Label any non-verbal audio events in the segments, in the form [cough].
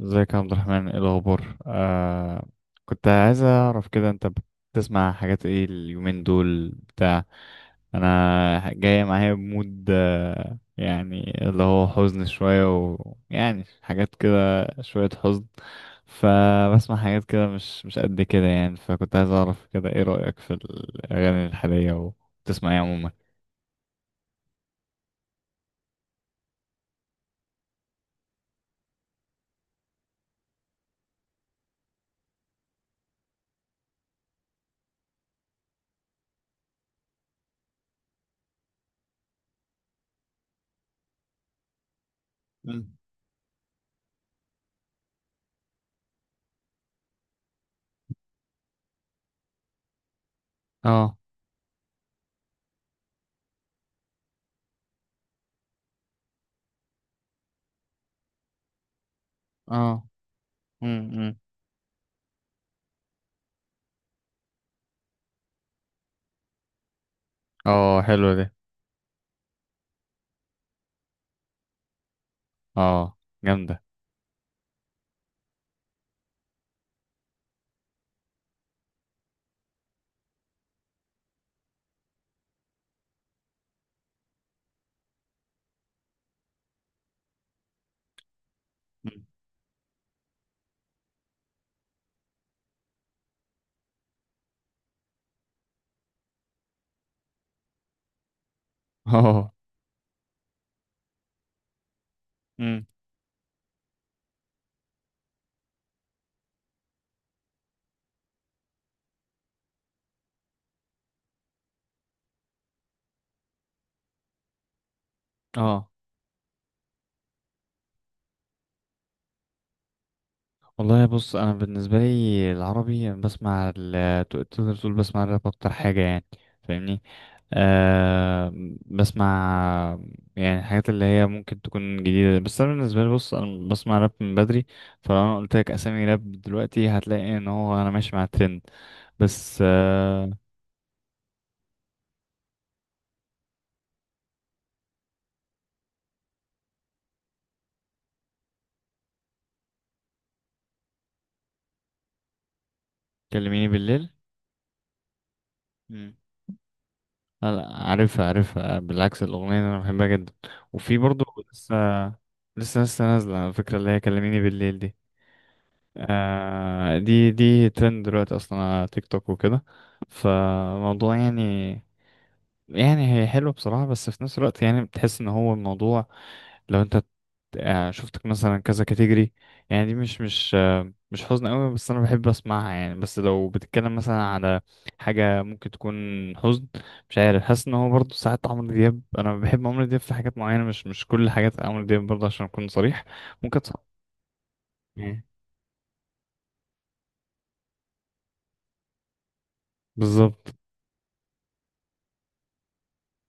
ازيك يا عبد الرحمن؟ ايه الاخبار؟ كنت عايز اعرف كده، انت بتسمع حاجات ايه اليومين دول؟ بتاع انا جاي معايا بمود، يعني اللي هو حزن شوية، ويعني حاجات كده، شوية حزن. فبسمع حاجات كده مش قد كده يعني. فكنت عايز اعرف كده ايه رأيك في الاغاني الحالية، وبتسمع ايه عموما؟ مم. اه، اه. امم. اه، حلوة دي. اه، جامدة. مم. [laughs] اه. امم. اه، والله بص، انا بالنسبه لي العربي أنا بسمع تقدر تقول بسمع الراب اكتر حاجه يعني. فاهمني؟ أه. بسمع يعني الحاجات اللي هي ممكن تكون جديده، بس انا بالنسبه لي، بص انا بسمع راب من بدري. فلو انا قلت لك اسامي راب دلوقتي هتلاقي ان هو انا ماشي مع الترند. بس أه. كلميني بالليل. مم. لا، لا، عارفها، عارفها، بالعكس الاغنيه دي انا بحبها جدا. وفي برضو لسه، لسه نازله على فكره، اللي هي كلميني بالليل دي. دي ترند دلوقتي اصلا على تيك توك وكده. فموضوع يعني، يعني هي حلوه بصراحه، بس في نفس الوقت يعني بتحس ان هو الموضوع، لو انت شفتك مثلا كذا كاتيجوري، يعني دي مش حزن قوي، بس انا بحب اسمعها يعني. بس لو بتتكلم مثلا على حاجه ممكن تكون حزن، مش عارف، حاسس ان هو برضه ساعات عمرو دياب، انا بحب عمرو دياب في حاجات معينه، مش كل حاجات عمرو دياب برضه عشان اكون صريح. ممكن صعب. بالظبط.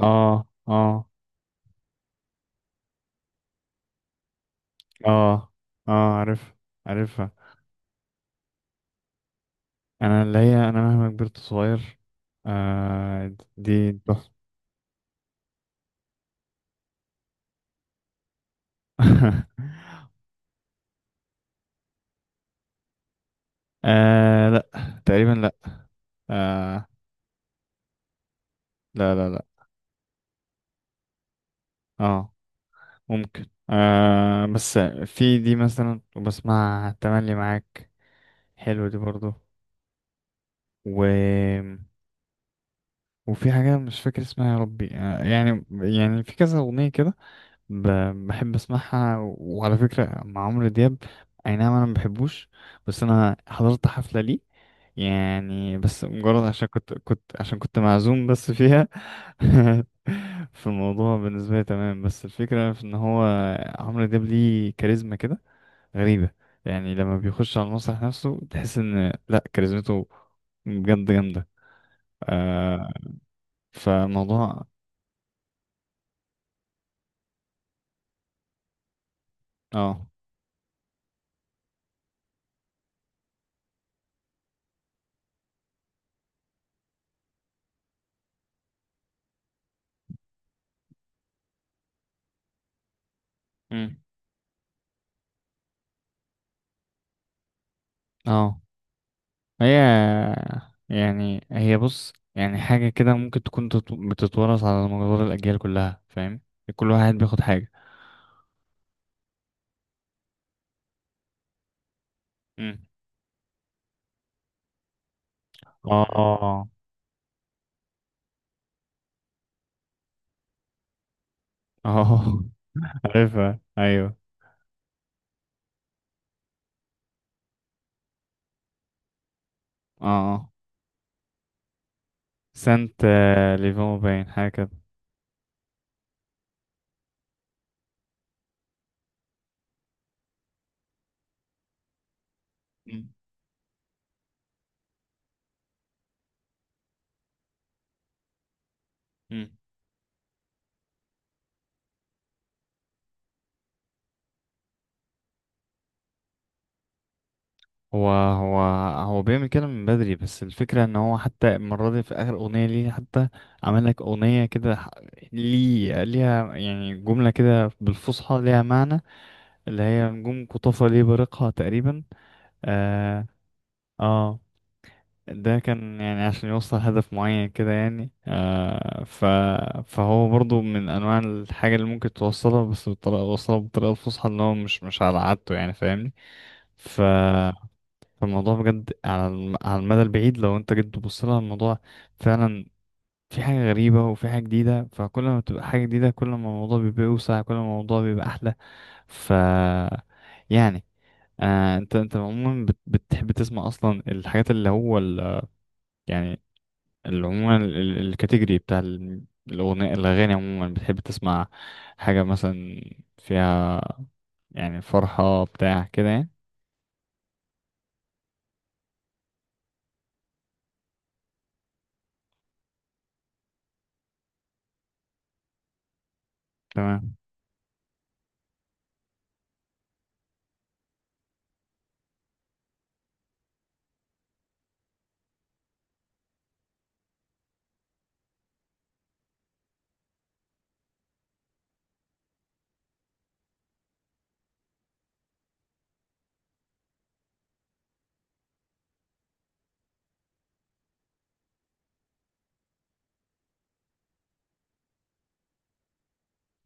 اه، اه. اه، اه، عارف، عارفها. انا اللي هي انا مهما كبرت صغير، دي تحفة. [laughs] لا، تقريبا لا. آه لا، لا، لا. اه، ممكن بس في دي مثلا، وبسمع تملي معاك، حلو دي برضو. و وفي حاجة مش فاكر اسمها يا ربي، يعني في كذا أغنية كده بحب اسمعها. وعلى فكرة مع عمرو دياب اي نعم انا ما بحبوش، بس انا حضرت حفلة ليه، يعني بس مجرد عشان كنت عشان كنت معزوم بس فيها. [laughs] في الموضوع بالنسبة لي تمام، بس الفكرة في ان هو عمرو دياب ليه كاريزما كده غريبة، يعني لما بيخش على المسرح نفسه تحس ان لا، كاريزمته بجد جامدة آه فموضوع اه مم. اه، هي يعني هي، بص يعني حاجة كده ممكن تكون بتتورث على مدار الأجيال كلها، فاهم؟ كل واحد بياخد حاجة. مم. اه، اه، اه. [laughs] عارفها، أيوه. اه. آه. سانت ليفون باين حاجة كده. مم. مم. هو هو هو بيعمل كده من بدري، بس الفكرة ان هو حتى المرة دي في آخر أغنية ليه، حتى عمل لك أغنية كده ليه ليها يعني جملة كده بالفصحى ليها معنى، اللي هي نجوم قطافة ليه بارقها تقريبا. اه، اه. ده كان يعني عشان يوصل هدف معين كده يعني. آه ف فهو برضو من انواع الحاجة اللي ممكن توصلها، بس بطريقة وصلها بالطريقة الفصحى ان هو مش على عادته يعني، فاهمني؟ ف فالموضوع بجد على على المدى البعيد، لو انت جيت تبص لها الموضوع، فعلا في حاجة غريبة وفي حاجة جديدة، فكل ما بتبقى حاجة جديدة كل ما الموضوع بيبقى أوسع، كل ما الموضوع بيبقى أحلى. ف يعني آه انت عموما بتحب تسمع اصلا الحاجات، اللي هو يعني اللي عموما الكاتيجوري بتاع الاغاني عموما بتحب تسمع حاجة مثلا فيها يعني فرحة بتاع كده يعني؟ تمام.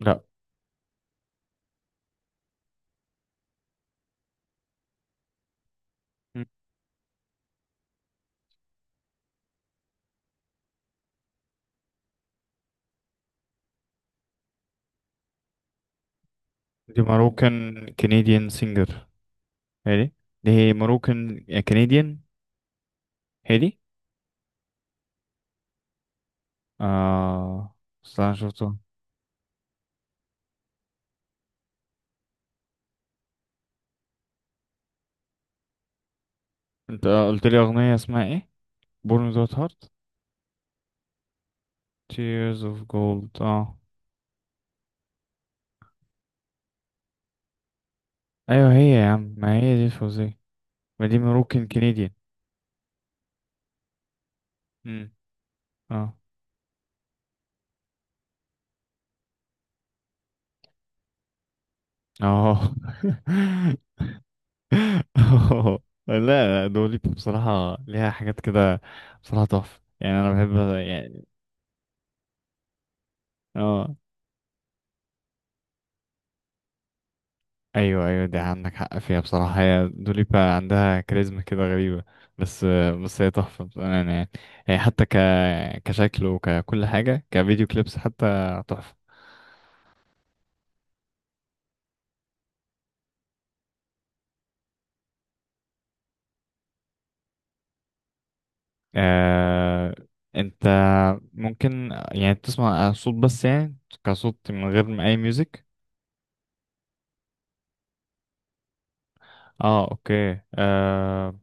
لا، دي ماروكان كنديان سينجر، هادي. دي ماروكان كنديان، هادي. اه، استنى، شفته. انت قلت لي اغنية اسمها ايه؟ Born Without Heart. Tears of Gold. اه. ايوه، هي يا عم ما هي دي فوزية. ما دي مروكن كنديان. امم. اه، اه. [laughs] آه. لا، دولي بصراحة ليها حاجات كده، بصراحة تحفة يعني. أنا بحب يعني. اه. أيوه، أيوه، دي عندك حق فيها بصراحة، هي دوليبا عندها كاريزما كده غريبة، بس هي تحفة بأمانة يعني. هي حتى كشكل وككل حاجة كفيديو كليبس حتى تحفة. آه... أنت ممكن يعني تسمع صوت بس، يعني كصوت من غير أي ميوزك؟ اه، اوكي.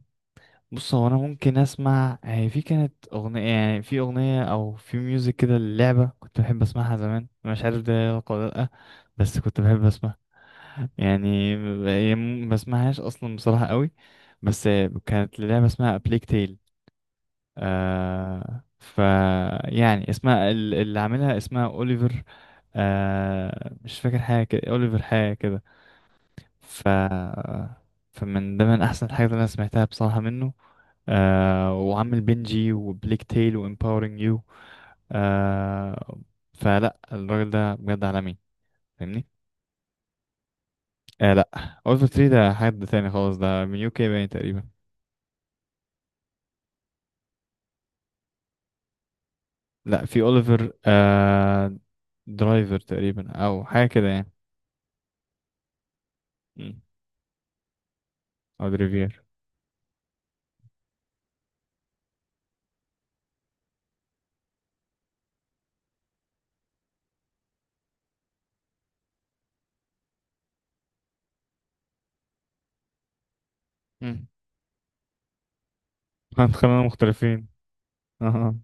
بص هو انا ممكن اسمع، هي في كانت اغنيه يعني، في اغنيه او في ميوزك كده للعبه كنت بحب اسمعها زمان، مش عارف ده يلقى ولا لا، بس كنت بحب اسمعها يعني. هي ما بسمعهاش اصلا بصراحه قوي، بس كانت لعبه اسمها بليك تيل. آه ف يعني اسمها اللي عاملها اسمها اوليفر، مش فاكر حاجه كده، اوليفر حاجه كده. ف فمن ضمن احسن الحاجات اللي انا سمعتها بصراحه منه، وعامل بنجي وبليك تيل وامباورنج يو آه فلا الراجل ده بجد عالمي، فاهمني؟ لا، اوليفر تري ده حد تاني خالص، ده من UK باين تقريبا. لا، في اوليفر درايفر تقريبا او حاجه كده يعني. مم. او دريفير. مم. [laughs] احنا خلينا مختلفين. اه.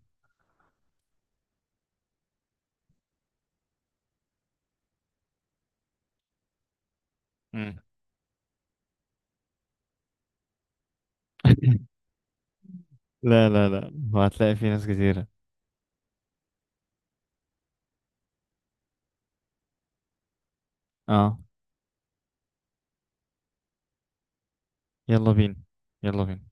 مم. [laughs] لا، لا، لا، وهتلاقي في ناس كتيرة. اه. يلا بينا، يلا بينا.